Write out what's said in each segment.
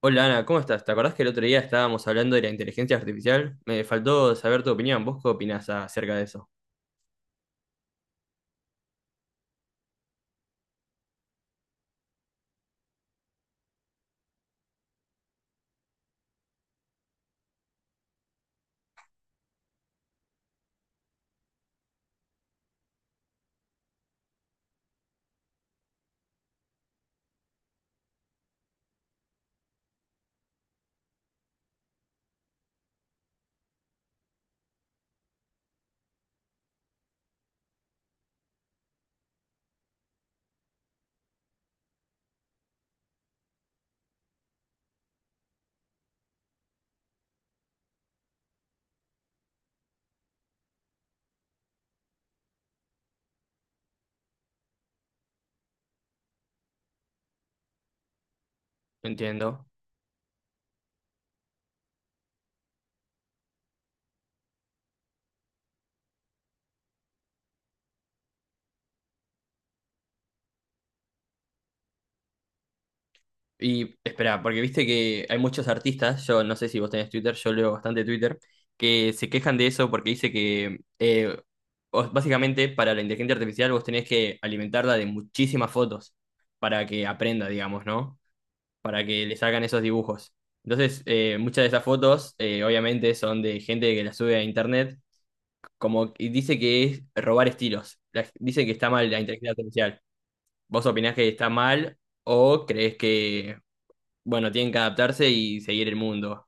Hola Ana, ¿cómo estás? ¿Te acordás que el otro día estábamos hablando de la inteligencia artificial? Me faltó saber tu opinión. ¿Vos qué opinás acerca de eso? No entiendo. Y espera, porque viste que hay muchos artistas, yo no sé si vos tenés Twitter, yo leo bastante Twitter, que se quejan de eso porque dice que básicamente para la inteligencia artificial vos tenés que alimentarla de muchísimas fotos para que aprenda, digamos, ¿no? Para que le salgan esos dibujos. Entonces, muchas de esas fotos obviamente son de gente que las sube a internet como y dice que es robar estilos. Dice que está mal la inteligencia artificial. ¿Vos opinás que está mal o crees que, bueno, tienen que adaptarse y seguir el mundo?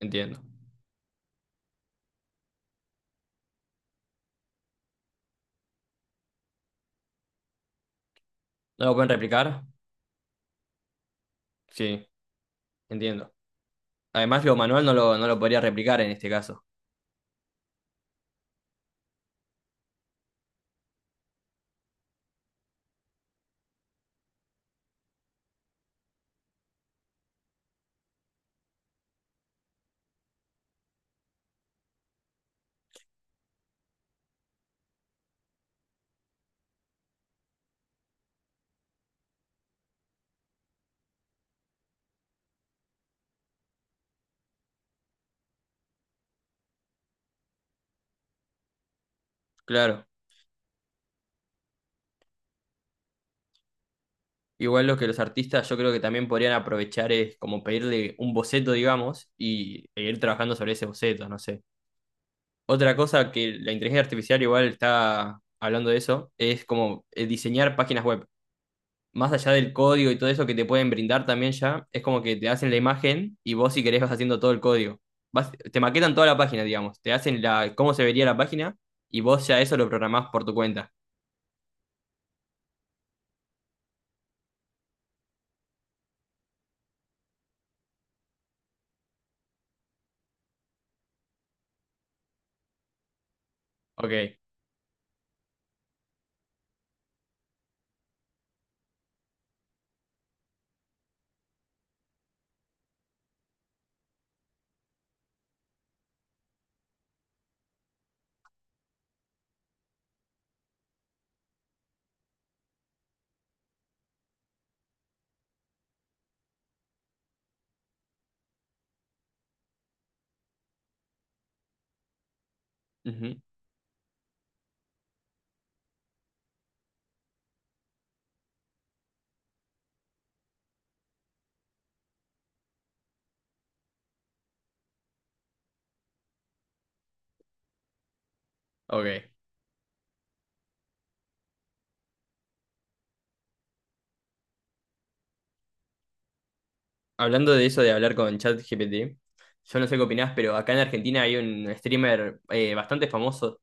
Entiendo. ¿No lo pueden replicar? Sí, entiendo. Además, lo manual no lo podría replicar en este caso. Claro. Igual lo que los artistas yo creo que también podrían aprovechar es como pedirle un boceto, digamos, y e ir trabajando sobre ese boceto, no sé. Otra cosa que la inteligencia artificial igual está hablando de eso es como diseñar páginas web. Más allá del código y todo eso que te pueden brindar también ya, es como que te hacen la imagen y vos si querés vas haciendo todo el código. Te maquetan toda la página, digamos. Te hacen la, cómo se vería la página y vos ya eso lo programás por tu cuenta. Ok. Ujú. Ok. Hablando de eso de hablar con ChatGPT, yo no sé qué opinás, pero acá en Argentina hay un streamer bastante famoso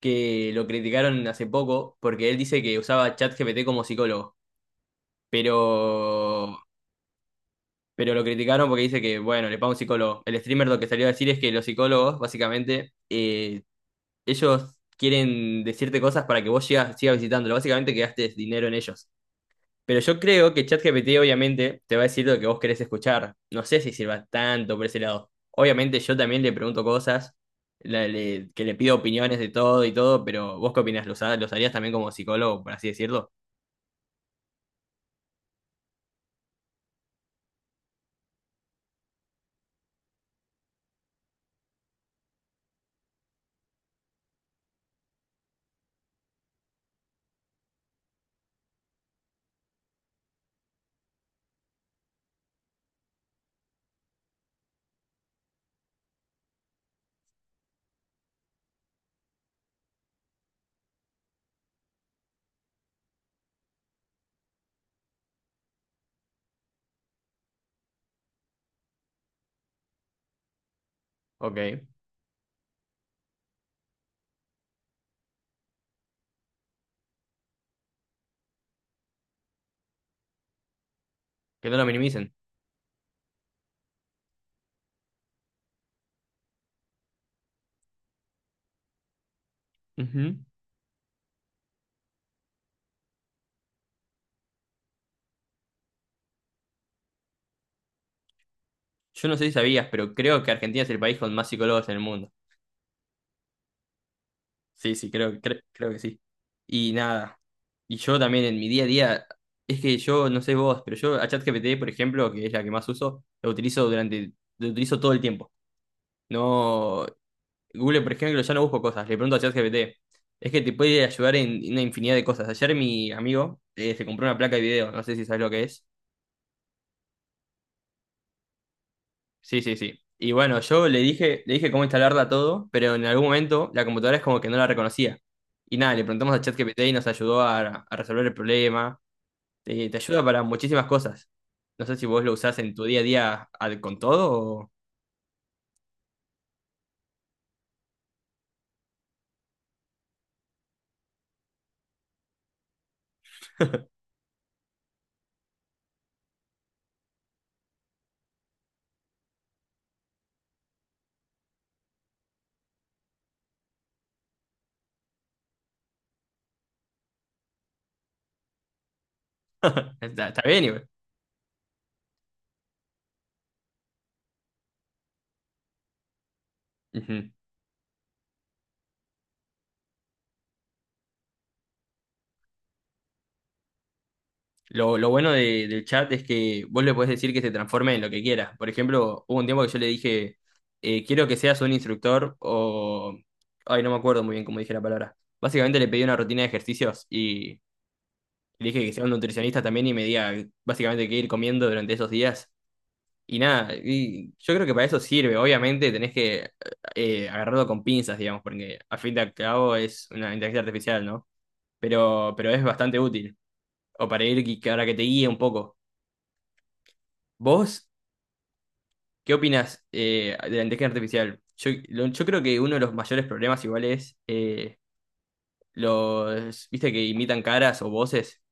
que lo criticaron hace poco porque él dice que usaba ChatGPT como psicólogo. Pero pero lo criticaron porque dice que, bueno, le paga un psicólogo. El streamer lo que salió a decir es que los psicólogos, básicamente, ellos quieren decirte cosas para que vos sigas visitándolo. Básicamente que gastes dinero en ellos. Pero yo creo que ChatGPT obviamente te va a decir lo que vos querés escuchar. No sé si sirva tanto por ese lado. Obviamente yo también le pregunto cosas, que le pido opiniones de todo y todo, pero ¿vos qué opinás? ¿Los, los harías también como psicólogo, por así decirlo? Ok, que no lo minimicen. Ujú. Yo no sé si sabías, pero creo que Argentina es el país con más psicólogos en el mundo. Sí, sí, creo que sí. Y nada, y yo también en mi día a día, es que yo, no sé vos, pero yo a ChatGPT, por ejemplo, que es la que más uso, lo utilizo todo el tiempo. No, Google, por ejemplo, ya no busco cosas, le pregunto a ChatGPT. Es que te puede ayudar en una infinidad de cosas. Ayer mi amigo se compró una placa de video, no sé si sabes lo que es. Sí, sí, sí. Y bueno, le dije cómo instalarla todo, pero en algún momento la computadora es como que no la reconocía. Y nada, le preguntamos a ChatGPT y nos ayudó a resolver el problema. Te ayuda para muchísimas cosas. No sé si vos lo usás en tu día a día con todo o... Está, está bien, igual. Lo bueno del chat es que vos le podés decir que se transforme en lo que quiera. Por ejemplo, hubo un tiempo que yo le dije, quiero que seas un instructor o... Ay, no me acuerdo muy bien cómo dije la palabra. Básicamente le pedí una rutina de ejercicios y le dije que sea un nutricionista también y me diga básicamente qué ir comiendo durante esos días. Y nada, y yo creo que para eso sirve. Obviamente tenés que agarrarlo con pinzas, digamos, porque a fin de cabo es una inteligencia artificial, ¿no? Pero es bastante útil. O para ir, que ahora que te guíe un poco. ¿Vos qué opinás de la inteligencia artificial? Yo, yo creo que uno de los mayores problemas igual es los, viste, que imitan caras o voces.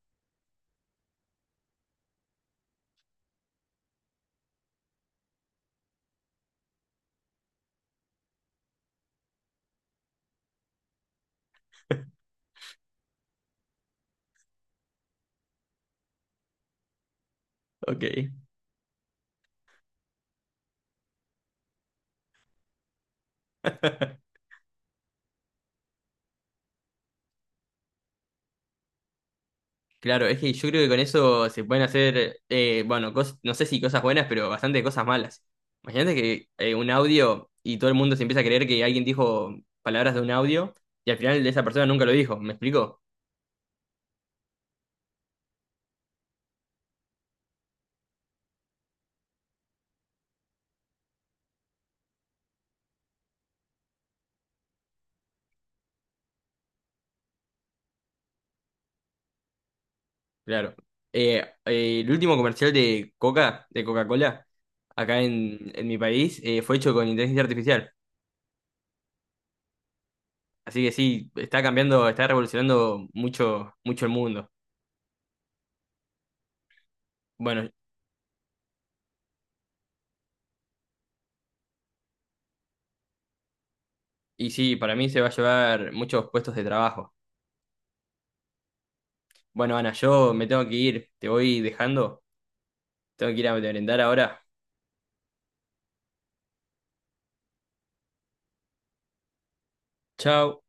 Ok. Claro, es que yo creo que con eso se pueden hacer, bueno, no sé si cosas buenas, pero bastante cosas malas. Imagínate que un audio y todo el mundo se empieza a creer que alguien dijo palabras de un audio y al final esa persona nunca lo dijo, ¿me explico? Claro. El último comercial de Coca, de Coca-Cola, en mi país, fue hecho con inteligencia artificial. Así que sí, está cambiando, está revolucionando mucho, mucho el mundo. Bueno, y sí, para mí se va a llevar muchos puestos de trabajo. Bueno, Ana, yo me tengo que ir, te voy dejando. Tengo que ir a merendar ahora. Chao.